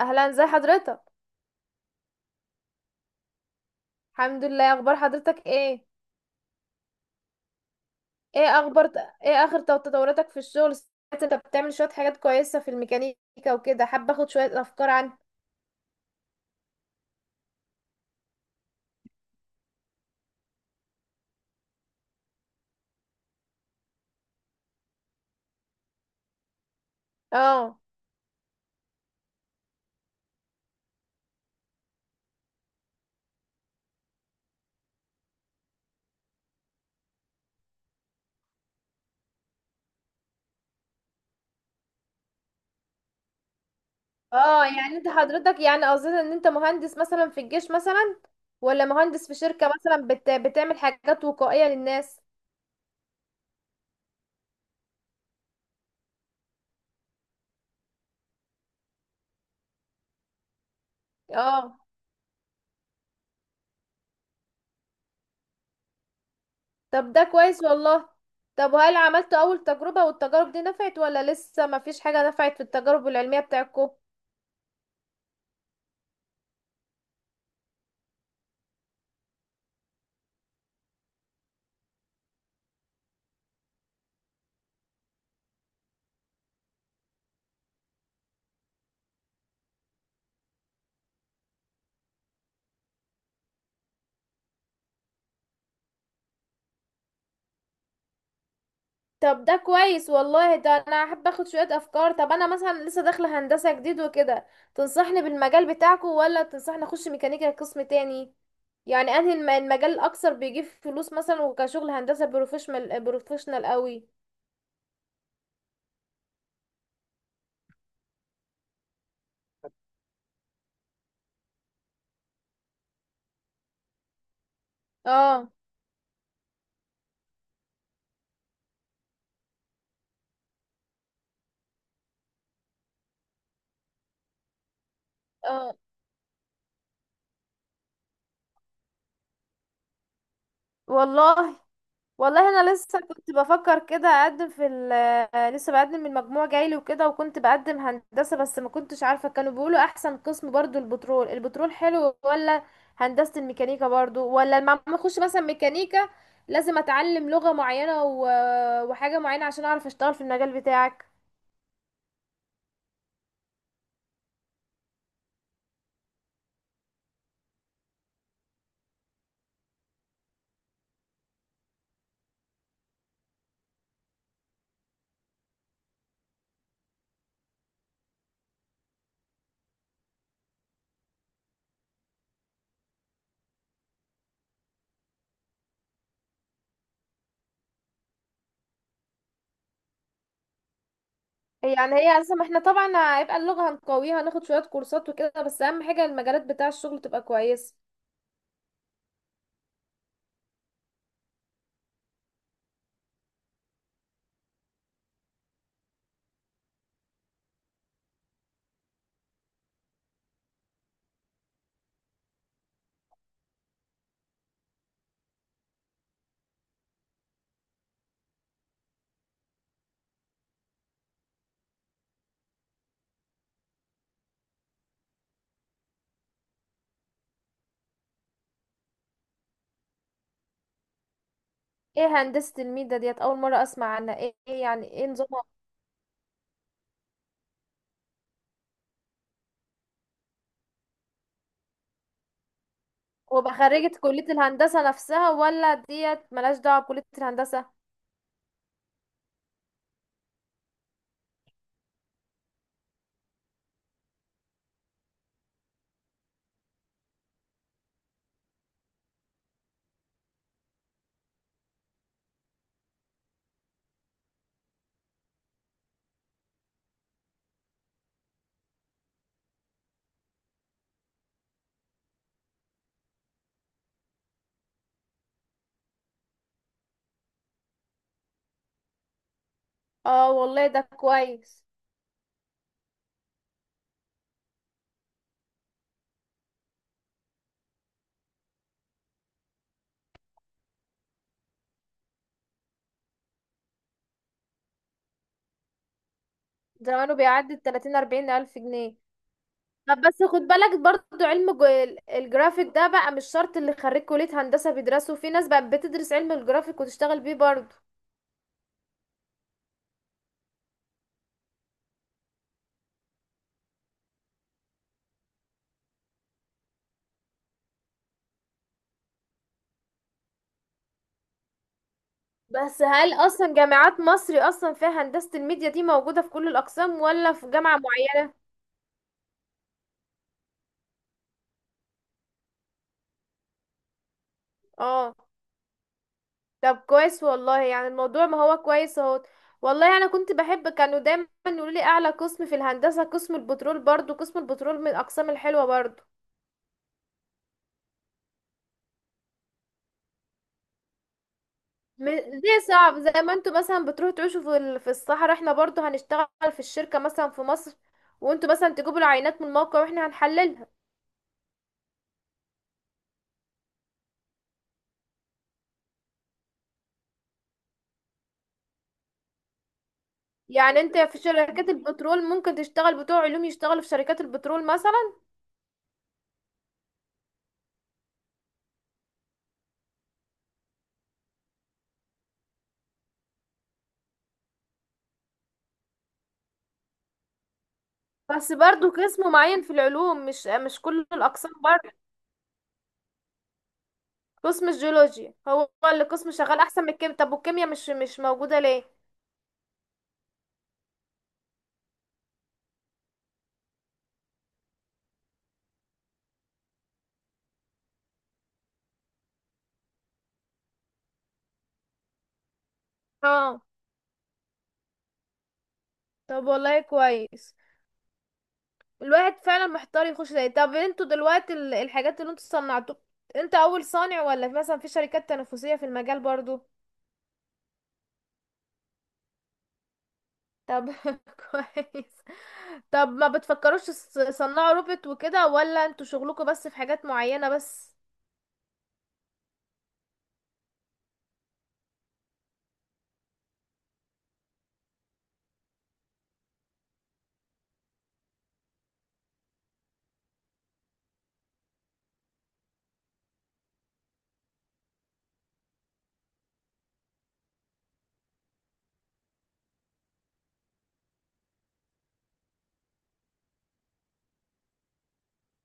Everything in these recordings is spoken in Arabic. اهلا، زي حضرتك؟ الحمد لله، اخبار حضرتك ايه؟ ايه اخبار؟ ايه اخر تطوراتك في الشغل، سمعت انت بتعمل شوية حاجات كويسة في الميكانيكا وكده، حابة اخد شوية افكار عن. اه اه يعني انت حضرتك، يعني قصدك ان انت مهندس مثلا في الجيش مثلا، ولا مهندس في شركة مثلا بتعمل حاجات وقائية للناس؟ اه. طب ده كويس والله. طب وهل عملت اول تجربة والتجارب دي نفعت ولا لسه مفيش حاجة نفعت في التجارب العلمية بتاعتكم؟ طب ده كويس والله، ده انا احب اخد شوية افكار. طب انا مثلا لسه داخلة هندسة جديد وكده، تنصحني بالمجال بتاعكو ولا تنصحني اخش ميكانيكا قسم تاني؟ يعني انهي المجال الاكثر بيجيب فلوس مثلا، وكشغل هندسة بروفيشنال بروفيشنال قوي؟ اه، اه، والله. والله انا لسه كنت بفكر كده اقدم في ال آه، لسه بقدم من مجموع جايلي وكده، وكنت بقدم هندسة بس ما كنتش عارفة، كانوا بيقولوا احسن قسم برضو البترول، البترول حلو ولا هندسة الميكانيكا برضو؟ ولا لما ما اخش مثلا ميكانيكا لازم اتعلم لغة معينة وحاجة معينة عشان اعرف اشتغل في المجال بتاعك؟ يعني هي اصلا ما احنا طبعا هيبقى اللغة هنقويها، هناخد شوية كورسات وكده، بس اهم حاجة المجالات بتاع الشغل تبقى كويسة. ايه هندسة الميدا ديت؟ اول مرة اسمع عنها. ايه، إيه يعني، ايه نظام؟ وابقى خريجة كلية الهندسة نفسها ولا ديت ملهاش دعوة بكلية الهندسة؟ اه والله ده كويس. زمانه بيعدي التلاتين، 40 ألف جنيه. طب بس خد بالك برضو علم الجرافيك ده بقى مش شرط اللي خريج كلية هندسة بيدرسه، في ناس بقى بتدرس علم الجرافيك وتشتغل بيه برضو. بس هل أصلا جامعات مصر أصلا فيها هندسة الميديا دي موجودة في كل الأقسام ولا في جامعة معينة؟ اه. طب كويس والله، يعني الموضوع ما هو كويس اهو. والله انا كنت بحب، كانوا دايما يقولوا لي اعلى قسم في الهندسه قسم البترول، برضو قسم البترول من الاقسام الحلوه برضو. ليه صعب؟ زي ما انتوا مثلا بتروحوا تعيشوا في في الصحراء، احنا برضو هنشتغل في الشركه مثلا في مصر، وانتوا مثلا تجيبوا العينات من الموقع واحنا هنحللها. يعني انت في شركات البترول ممكن تشتغل بتوع علوم يشتغلوا في شركات البترول مثلا؟ بس برضو قسم معين في العلوم، مش كل الاقسام برضو. قسم الجيولوجيا هو اللي قسم شغال احسن من الكيمياء، طب والكيمياء مش موجوده ليه؟ اه. طب والله كويس. الواحد فعلا محتار يخش ده. طب انتوا دلوقتي الحاجات اللي انتوا صنعتوها، انت اول صانع ولا مثلا في شركات تنافسية في المجال برضو؟ طب كويس. طب ما بتفكروش تصنعوا روبوت وكده، ولا انتوا شغلكم بس في حاجات معينة بس؟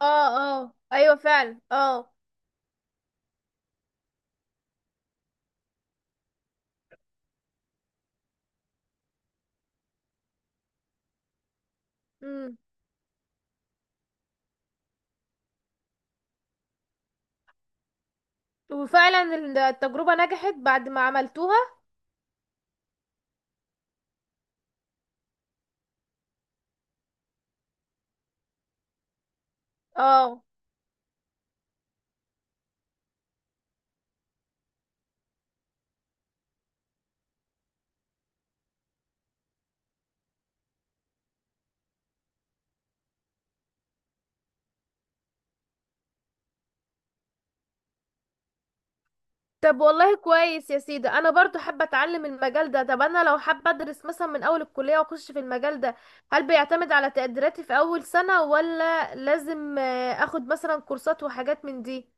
اه، اه، ايوه فعلا، اه. امم وفعلا التجربة نجحت بعد ما عملتوها؟ اه. طب والله كويس يا سيدي، انا برضو حابه اتعلم المجال ده. طب انا لو حابه ادرس مثلا من اول الكليه واخش في المجال ده، هل بيعتمد على تقديراتي في اول سنه ولا لازم اخد مثلا كورسات وحاجات من دي؟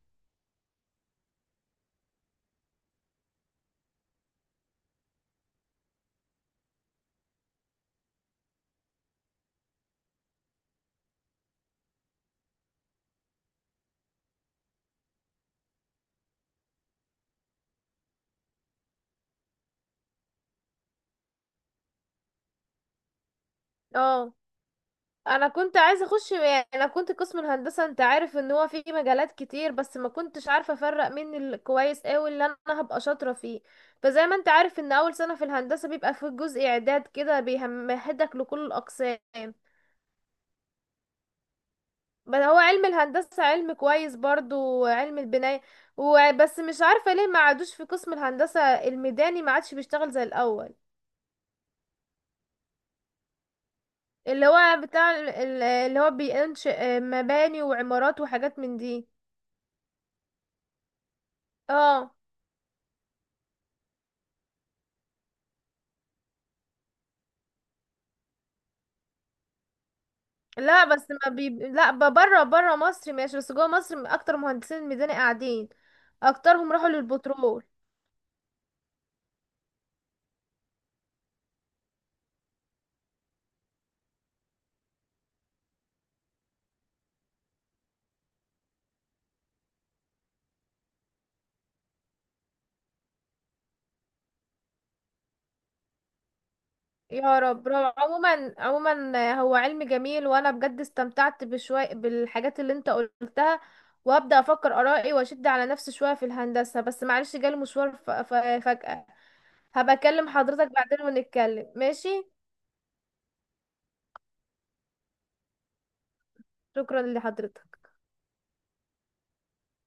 اه. انا كنت عايزه اخش، يعني انا كنت قسم الهندسه، انت عارف ان هو فيه مجالات كتير بس ما كنتش عارفه افرق مين الكويس قوي اللي انا هبقى شاطره فيه، فزي ما انت عارف ان اول سنه في الهندسه بيبقى فيه جزء اعداد كده بيمهدك لكل الاقسام. بل هو علم الهندسة علم كويس برضو، وعلم البناية. وبس مش عارفة ليه ما عادوش في قسم الهندسة الميداني، ما عادش بيشتغل زي الأول. اللي هو بتاع اللي هو بينشئ مباني وعمارات وحاجات من دي. اه. لا بس ما بي... لا ب- بره بره مصر ماشي، بس جوه مصر اكتر مهندسين الميداني قاعدين، اكترهم راحوا للبترول. يا رب برافو. عموما عموما هو علم جميل، وانا بجد استمتعت بشوية بالحاجات اللي انت قلتها، وهبدأ افكر ارائي واشد على نفسي شوية في الهندسة، بس معلش جالي مشوار فجأة. هبقى اكلم حضرتك بعدين ونتكلم، ماشي؟ شكرا لحضرتك.